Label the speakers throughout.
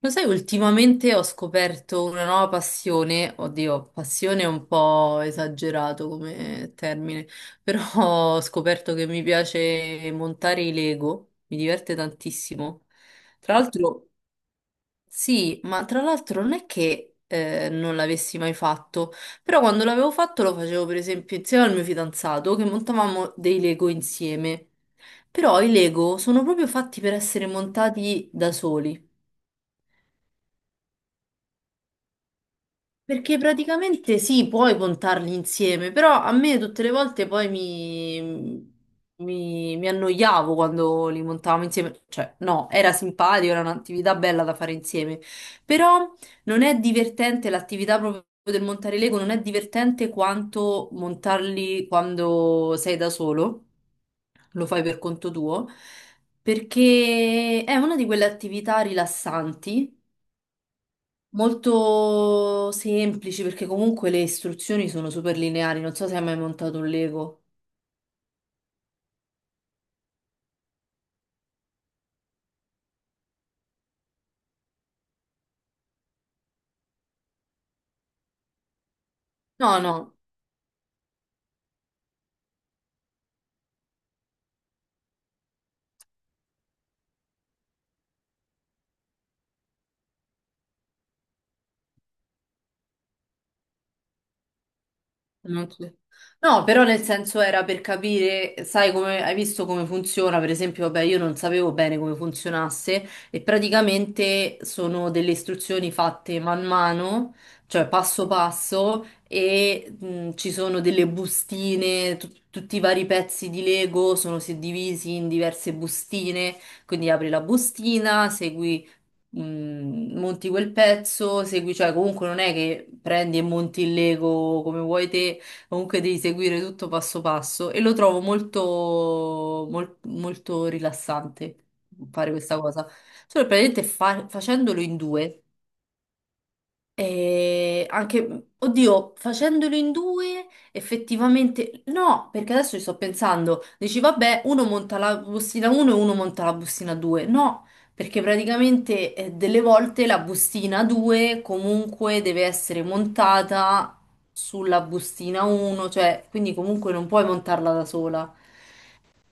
Speaker 1: Lo sai, ultimamente ho scoperto una nuova passione. Oddio, passione è un po' esagerato come termine, però ho scoperto che mi piace montare i Lego, mi diverte tantissimo. Tra l'altro, sì, ma tra l'altro non è che non l'avessi mai fatto, però quando l'avevo fatto lo facevo per esempio insieme al mio fidanzato che montavamo dei Lego insieme. Però i Lego sono proprio fatti per essere montati da soli. Perché praticamente sì, puoi contarli insieme, però a me tutte le volte poi mi annoiavo quando li montavamo insieme. Cioè, no, era simpatico, era un'attività bella da fare insieme. Però non è divertente l'attività proprio del montare Lego, non è divertente quanto montarli quando sei da solo, lo fai per conto tuo, perché è una di quelle attività rilassanti molto semplici, perché comunque le istruzioni sono super lineari. Non so se hai mai montato un Lego. No, no. Non ci- No, però nel senso, era per capire, sai, come hai visto come funziona. Per esempio, vabbè, io non sapevo bene come funzionasse e praticamente sono delle istruzioni fatte man mano, cioè passo passo, e ci sono delle bustine, tutti i vari pezzi di Lego sono suddivisi in diverse bustine, quindi apri la bustina, segui, monti quel pezzo, segui. Cioè comunque non è che prendi e monti il Lego come vuoi te, comunque devi seguire tutto passo passo, e lo trovo molto rilassante fare questa cosa. Solo che praticamente facendolo in due. E anche, oddio, facendolo in due, effettivamente no, perché adesso ci sto pensando. Dici, vabbè, uno monta la bustina 1 e uno monta la bustina 2. No, perché praticamente delle volte la bustina 2 comunque deve essere montata sulla bustina 1, cioè, quindi comunque non puoi montarla da sola.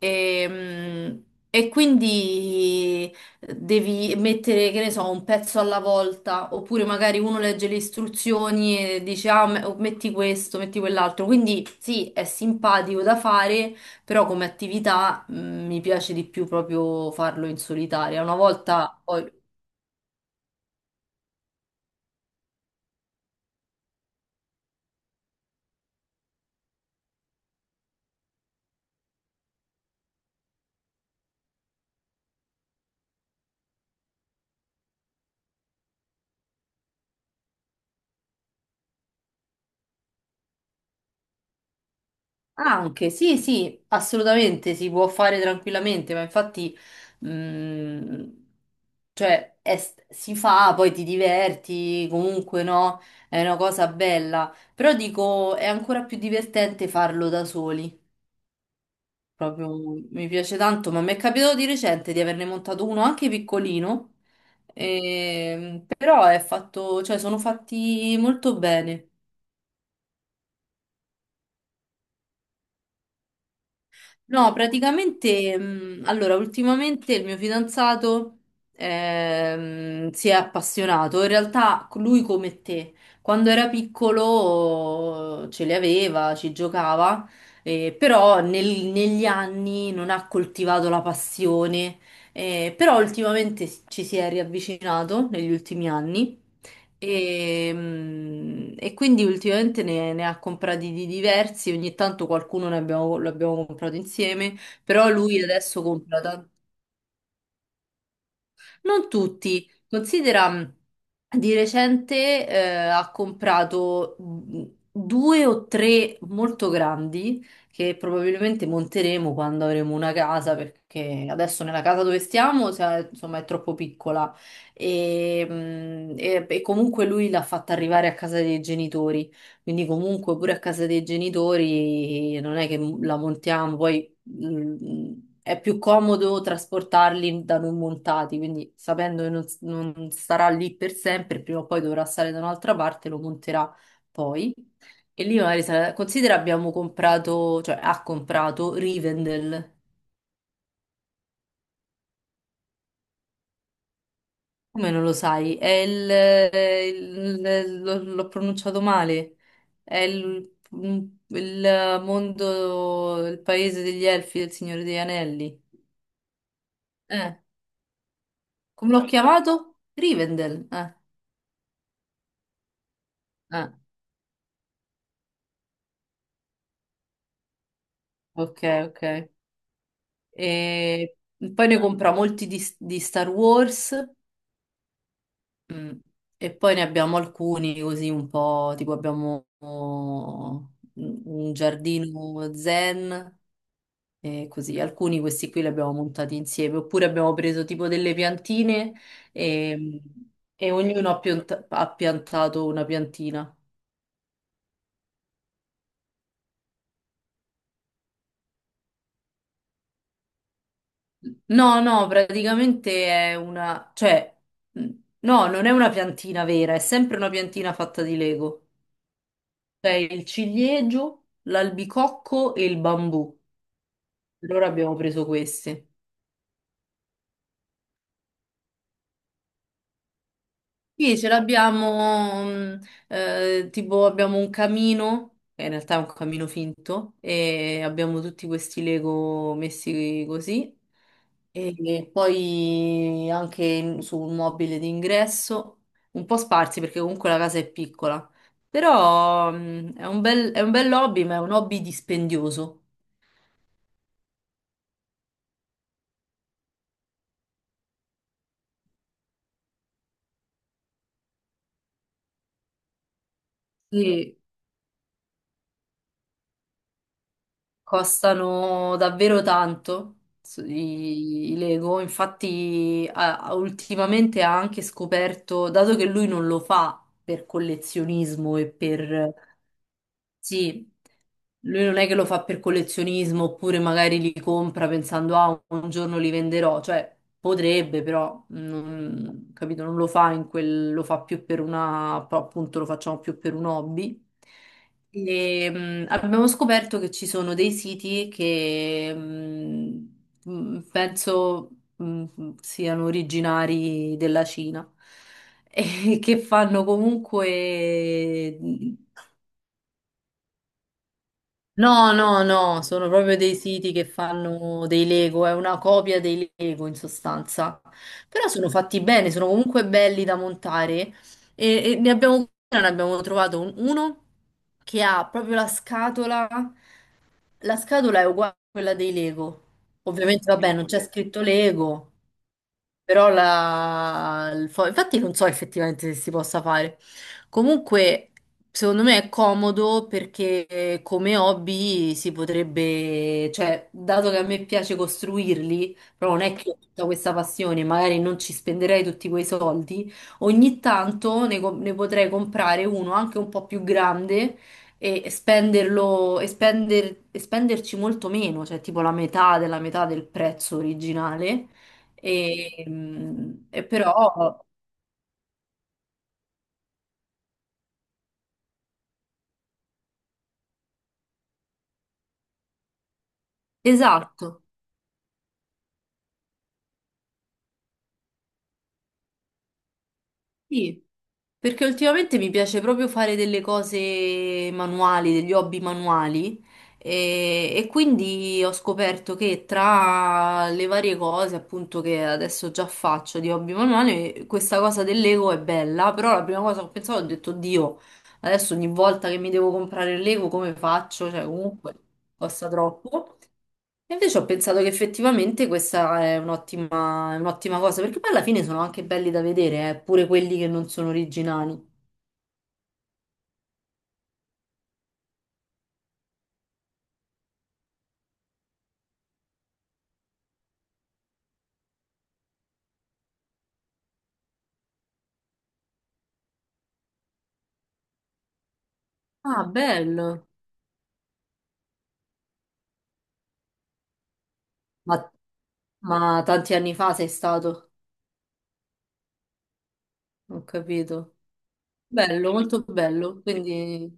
Speaker 1: E, mm, e quindi devi mettere, che ne so, un pezzo alla volta, oppure magari uno legge le istruzioni e dice, ah, metti questo, metti quell'altro. Quindi sì, è simpatico da fare, però come attività, mi piace di più proprio farlo in solitaria. Una volta poi... Anche, sì, sì, assolutamente, si può fare tranquillamente, ma infatti... Mm. Cioè, si fa, poi ti diverti, comunque no, è una cosa bella. Però dico, è ancora più divertente farlo da soli. Proprio mi piace tanto, ma mi è capitato di recente di averne montato uno anche piccolino. Però è fatto, cioè, sono fatti molto bene. No, praticamente, allora, ultimamente il mio fidanzato si è appassionato. In realtà lui come te, quando era piccolo ce li aveva, ci giocava, però negli anni non ha coltivato la passione, però ultimamente ci si è riavvicinato negli ultimi anni. E quindi ultimamente ne ha comprati di diversi, ogni tanto qualcuno lo abbiamo comprato insieme, però lui adesso compra tanti. Non tutti, considera, di recente ha comprato, due o tre molto grandi che probabilmente monteremo quando avremo una casa, perché adesso nella casa dove stiamo insomma è troppo piccola e, e comunque lui l'ha fatta arrivare a casa dei genitori, quindi comunque pure a casa dei genitori non è che la montiamo poi. mm, è più comodo trasportarli da non montati, quindi sapendo che non, non starà lì per sempre, prima o poi dovrà stare da un'altra parte, lo monterà poi. E lì magari considera abbiamo comprato, cioè ha comprato Rivendell. Come non lo sai? È il, l'ho pronunciato male. È il, il mondo, il paese degli elfi del Signore degli Anelli. Eh, come l'ho chiamato? Rivendell. Eh. Ok, ok. E poi ne compra molti di Star Wars, mm, e poi ne abbiamo alcuni così un po', tipo abbiamo, oh, un giardino zen e così. Alcuni questi qui li abbiamo montati insieme, oppure abbiamo preso tipo delle piantine e, e ognuno ha piantato una piantina. No, no, praticamente è una, cioè, mh, no, non è una piantina vera, è sempre una piantina fatta di Lego. C'è il ciliegio, l'albicocco e il bambù. Allora abbiamo preso questi. Sì, ce l'abbiamo, tipo abbiamo un camino, che in realtà è un camino finto, e abbiamo tutti questi Lego messi così, e, e poi anche su un mobile d'ingresso, un po' sparsi perché comunque la casa è piccola, però è un bel hobby, ma è un hobby dispendioso. Sì, costano davvero tanto i Lego, infatti ultimamente ha anche scoperto, dato che lui non lo fa per collezionismo e per... Sì, lui non è che lo fa per collezionismo, oppure magari li compra pensando, ah, un giorno li venderò, cioè potrebbe però, non, capito, non lo fa in quel, lo fa più per una, però, appunto lo facciamo più per un hobby. E, abbiamo scoperto che ci sono dei siti che penso siano originari della Cina e che fanno comunque... No, no, no, sono proprio dei siti che fanno dei Lego, è una copia dei Lego in sostanza. Però sono fatti bene, sono comunque belli da montare e, ne abbiamo trovato uno che ha proprio la scatola è uguale a quella dei Lego. Ovviamente, vabbè, non c'è scritto Lego, però la... il infatti non so effettivamente se si possa fare. Comunque, secondo me è comodo perché come hobby si potrebbe, cioè, dato che a me piace costruirli, però non è che ho tutta questa passione, magari non ci spenderei tutti quei soldi, ogni tanto ne potrei comprare uno anche un po' più grande e e spenderci molto meno, cioè tipo la metà della metà del prezzo originale. E però, esatto, sì, perché ultimamente mi piace proprio fare delle cose manuali, degli hobby manuali e quindi ho scoperto che tra le varie cose appunto che adesso già faccio di hobby manuali, questa cosa del Lego è bella, però la prima cosa che ho pensato ho detto, Dio, adesso ogni volta che mi devo comprare il Lego come faccio? Cioè comunque costa troppo. E invece ho pensato che effettivamente questa è un'ottima cosa, perché poi alla fine sono anche belli da vedere, pure quelli che non sono originali. Ah, bello. Ma, ma tanti anni fa sei stato, ho capito. Bello, molto bello. Quindi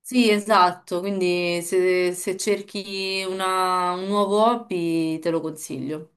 Speaker 1: sì, esatto. Quindi se cerchi un nuovo hobby te lo consiglio.